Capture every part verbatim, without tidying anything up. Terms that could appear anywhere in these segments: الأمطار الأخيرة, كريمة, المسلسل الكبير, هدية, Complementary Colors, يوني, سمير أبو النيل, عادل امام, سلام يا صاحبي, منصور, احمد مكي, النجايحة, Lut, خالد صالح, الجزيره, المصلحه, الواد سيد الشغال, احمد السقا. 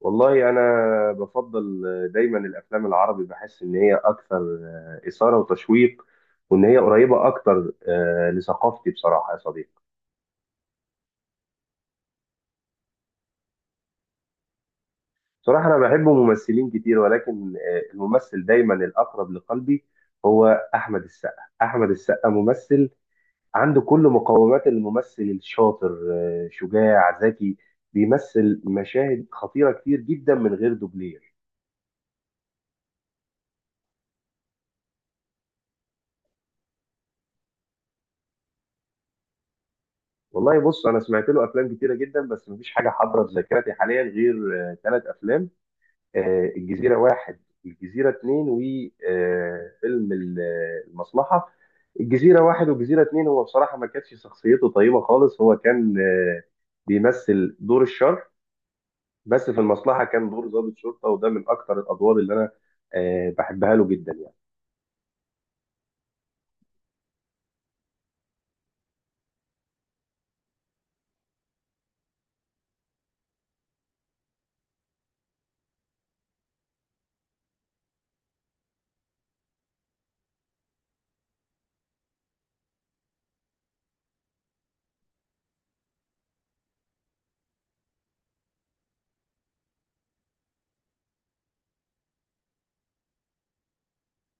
والله انا بفضل دايما الافلام العربي، بحس ان هي اكثر آه، اثاره وتشويق، وان هي قريبه اكتر آه، لثقافتي بصراحه يا صديقي. بصراحه انا بحب ممثلين كتير، ولكن آه، الممثل دايما الاقرب لقلبي هو احمد السقا. احمد السقا ممثل عنده كل مقومات الممثل الشاطر، آه، شجاع ذكي، بيمثل مشاهد خطيره كتير جدا من غير دوبلير. والله بص، انا سمعت له افلام كتيره جدا، بس مفيش حاجه حاضره في ذاكرتي حاليا غير ثلاث افلام: آه، الجزيره واحد، الجزيره اتنين، وفيلم المصلحه. الجزيره واحد والجزيره اتنين، هو بصراحه ما كانتش شخصيته طيبه خالص، هو كان آه، بيمثل دور الشر. بس في المصلحه كان دور ضابط شرطه، وده من اكتر الادوار اللي انا آه، بحبها له جدا يعني.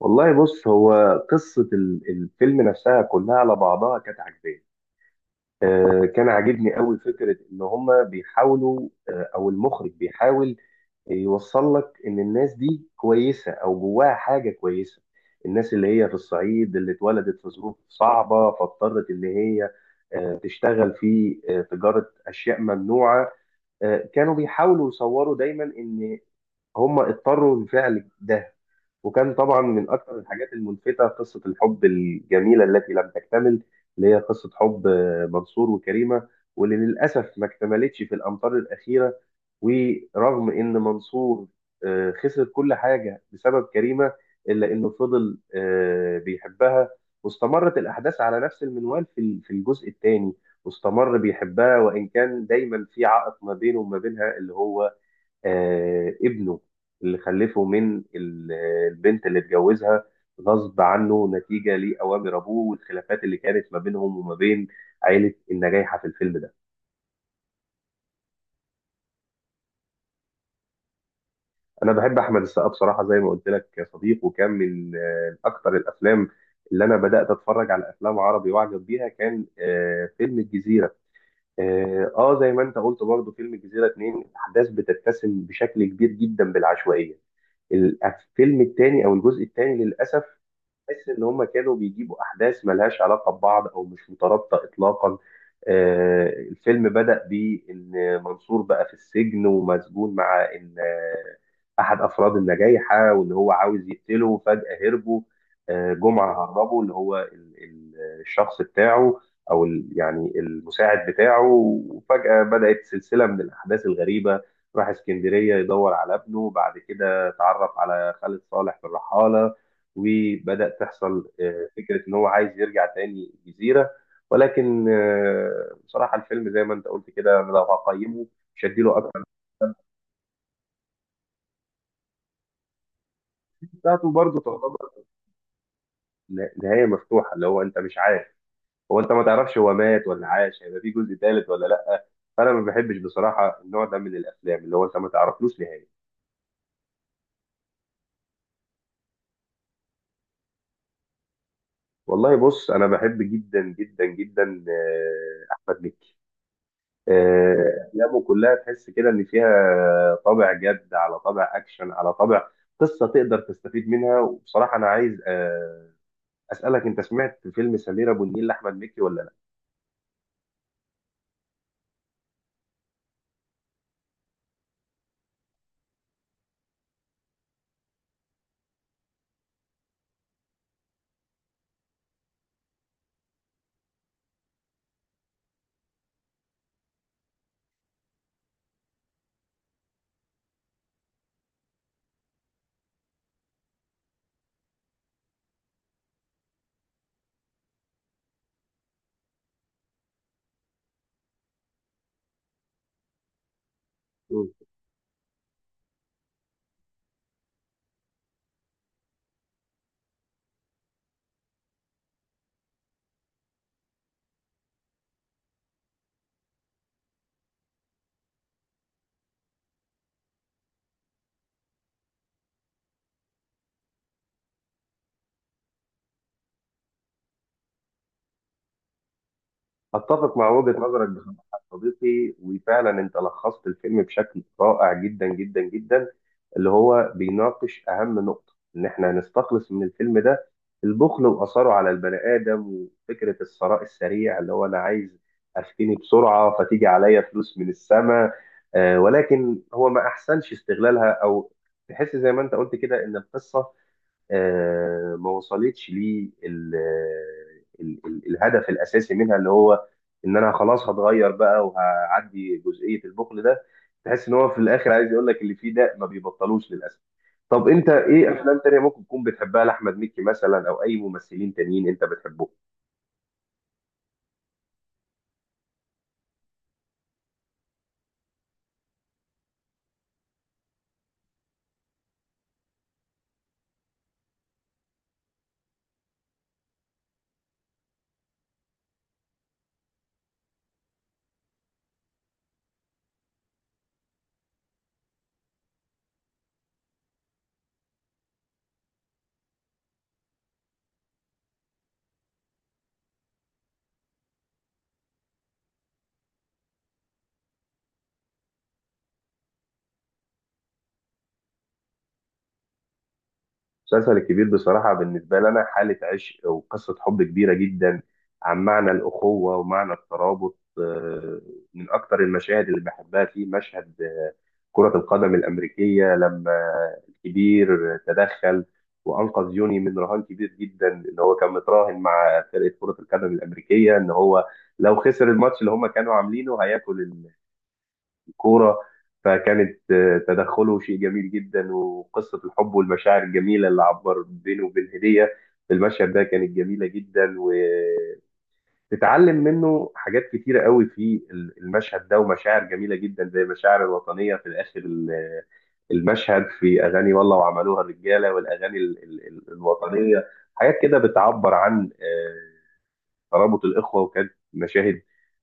والله بص، هو قصه ال- الفيلم نفسها كلها على بعضها كانت عجباني. آه، كان عاجبني قوي فكرة إن هما بيحاولوا، آه، أو المخرج بيحاول يوصل لك إن الناس دي كويسة أو جواها حاجة كويسة. الناس اللي هي في الصعيد، اللي اتولدت في ظروف صعبة، فاضطرت إن هي آه، تشتغل في آه، تجارة أشياء ممنوعة. آه، كانوا بيحاولوا يصوروا دايما إن هم اضطروا لفعل ده. وكان طبعا من اكثر الحاجات الملفتة قصة الحب الجميلة التي لم تكتمل، اللي هي قصة حب آه، منصور وكريمة. واللي للأسف ما اكتملتش في الأمطار الأخيرة. ورغم إن منصور آه، خسر كل حاجة بسبب كريمة، إلا إنه فضل آه، بيحبها. واستمرت الأحداث على نفس المنوال في ال- في الجزء الثاني. واستمر بيحبها، وإن كان دايما في عائق ما بينه وما بينها، اللي هو آه، ابنه، اللي خلفه من ال- البنت اللي اتجوزها غصب عنه، نتيجة لأوامر أبوه والخلافات اللي كانت ما بينهم وما بين عائلة النجايحة في الفيلم ده. أنا بحب أحمد السقا بصراحة، زي ما قلت لك يا صديق، وكان من آه، أكتر الأفلام اللي أنا بدأت أتفرج على أفلام عربي وأعجب بيها، كان آه، فيلم الجزيرة. آه آه، زي ما أنت قلت برضه، فيلم الجزيرة اتنين الأحداث بتتسم بشكل كبير جدا بالعشوائية. الفيلم التاني أو الجزء التاني للأسف تحس ان هم كانوا بيجيبوا احداث ملهاش علاقه ببعض او مش مترابطه اطلاقا. آه، الفيلم بدأ بان منصور بقى في السجن ومسجون مع ان آه، احد افراد النجايحه، وان هو عاوز يقتله. فجأة هربوا، آه، جمعه هربوا، اللي هو ال- ال- الشخص بتاعه، او ال- يعني المساعد بتاعه. وفجأة بدأت سلسله من الاحداث الغريبه، راح اسكندريه يدور على ابنه، بعد كده اتعرف على خالد صالح في الرحاله، وبدأ تحصل آه، فكرة إن هو عايز يرجع تاني الجزيرة. ولكن آه، بصراحة الفيلم زي ما أنت قلت كده، أنا لو هقيمه مش هديله أكتر من خمسة. بتاعته برضه تعتبر ن- نهاية مفتوحة، اللي هو أنت مش عارف، هو أنت ما تعرفش هو مات ولا عاش، هيبقى في جزء ثالث ولا لأ. فأنا ما بحبش بصراحة النوع ده من الأفلام اللي هو أنت ما تعرفلوش نهاية. والله بص، أنا بحب جدا جدا جدا آه، أحمد مكي. آه، أفلامه كلها تحس كده إن فيها طابع جد، على طابع أكشن، على طابع قصة تقدر تستفيد منها. وبصراحة أنا عايز آه، أسألك، أنت سمعت فيلم سمير أبو النيل لأحمد مكي ولا لأ؟ اتفق مع وجهة نظرك بصراحة يا صديقي، وفعلا انت لخصت الفيلم بشكل رائع جدا جدا جدا، اللي هو بيناقش اهم نقطة ان احنا نستخلص من الفيلم ده: البخل واثره على البني ادم، وفكرة الثراء السريع، اللي هو انا عايز افتني بسرعة، فتيجي عليا فلوس من السماء. آه، ولكن هو ما احسنش استغلالها، او تحس زي ما انت قلت كده ان القصة آه، ما وصلتش لي ال- ال- ال- الهدف الاساسي منها، اللي هو ان انا خلاص هتغير بقى وهعدي جزئيه البخل ده. تحس ان هو في الاخر عايز يقول لك اللي فيه ده ما بيبطلوش للاسف. طب انت ايه افلام تانية ممكن تكون بتحبها لاحمد مكي مثلا، او اي ممثلين تانيين انت بتحبهم؟ المسلسل الكبير بصراحة بالنسبة لنا حالة عشق وقصة حب كبيرة جدا، عن معنى الأخوة ومعنى الترابط. آه، من أكتر المشاهد اللي بحبها فيه مشهد آه، كرة القدم الأمريكية، لما الكبير تدخل وأنقذ يوني من رهان كبير جدا، إن هو كان متراهن مع فرقة كرة القدم الأمريكية إن هو لو خسر الماتش اللي هم كانوا عاملينه هياكل كورة. فكانت آه، تدخله شيء جميل جدا، وقصة الحب والمشاعر الجميلة اللي عبر بينه وبين هدية في المشهد ده كانت جميلة جدا، وتتعلم منه حاجات كتيرة قوي في المشهد ده. ومشاعر جميلة جدا، زي المشاعر الوطنية في الآخر، ال- المشهد في أغاني والله، وعملوها الرجالة، والأغاني ال- ال- ال- الوطنية. حاجات كده بتعبر عن آه، ترابط الاخوه، وكانت مشاهد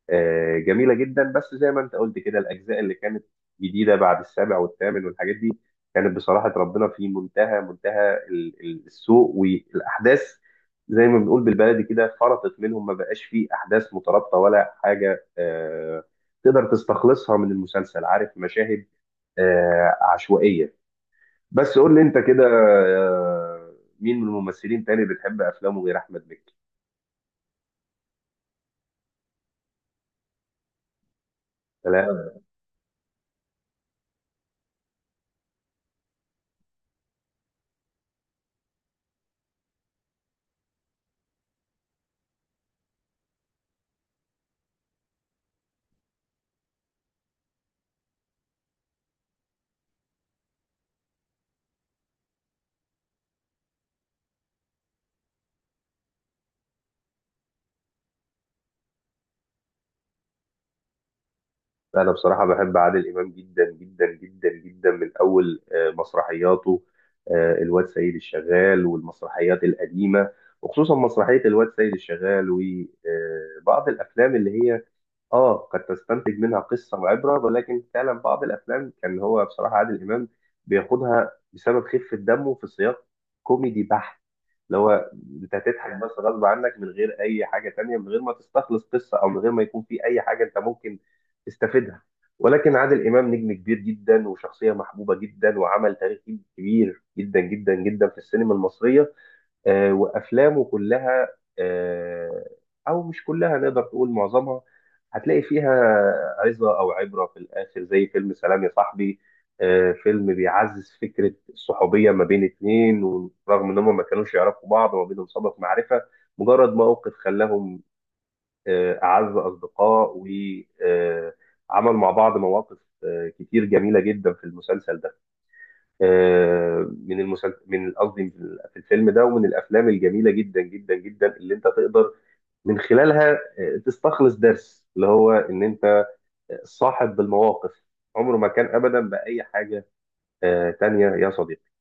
آه، جميله جدا. بس زي ما انت قلت كده، الاجزاء اللي كانت جديده بعد السابع والثامن والحاجات دي كانت بصراحه ربنا في منتهى منتهى ال- ال- السوء. والاحداث زي ما بنقول بالبلدي كده فرطت منهم، ما بقاش فيه احداث مترابطه ولا حاجه آه، تقدر تستخلصها من المسلسل، عارف مشاهد آه، عشوائيه. بس قول لي انت كده آه، مين من الممثلين تاني بتحب افلامه غير احمد مكي؟ سلام. انا بصراحه بحب عادل امام جدا جدا جدا جدا، من اول آه، مسرحياته. آه، الواد سيد الشغال والمسرحيات القديمه، وخصوصا مسرحيه الواد سيد الشغال. وبعض الافلام اللي هي اه قد تستنتج منها قصة وعبرة، ولكن فعلا بعض الأفلام كان هو بصراحة عادل إمام بياخدها بسبب خفة دمه في سياق كوميدي بحت، اللي هو أنت هتضحك بس غصب عنك، من غير أي حاجة تانية، من غير ما تستخلص قصة، أو من غير ما يكون في أي حاجة أنت ممكن تستفيدها. ولكن عادل إمام نجم كبير جدا، وشخصية محبوبة جدا، وعمل تاريخي كبير جدا جدا جدا في السينما المصرية. آه، وافلامه كلها، آه، او مش كلها، نقدر تقول معظمها هتلاقي فيها عظه او عبره في الاخر، زي فيلم سلام يا صاحبي. آه، فيلم بيعزز فكره الصحوبيه ما بين اتنين، ورغم ان هم ما كانوش يعرفوا بعض وما بينهم سابق معرفه، مجرد موقف خلاهم آه، اعز اصدقاء، وعمل مع بعض مواقف آه، كتير جميله جدا في المسلسل ده. آه، من المسلسل، من قصدي في الفيلم ده، ومن الافلام الجميله جدا جدا جدا اللي انت تقدر من خلالها آه، تستخلص درس، اللي هو ان انت صاحب بالمواقف عمره ما كان ابدا باي حاجه آه، تانية يا صديقي.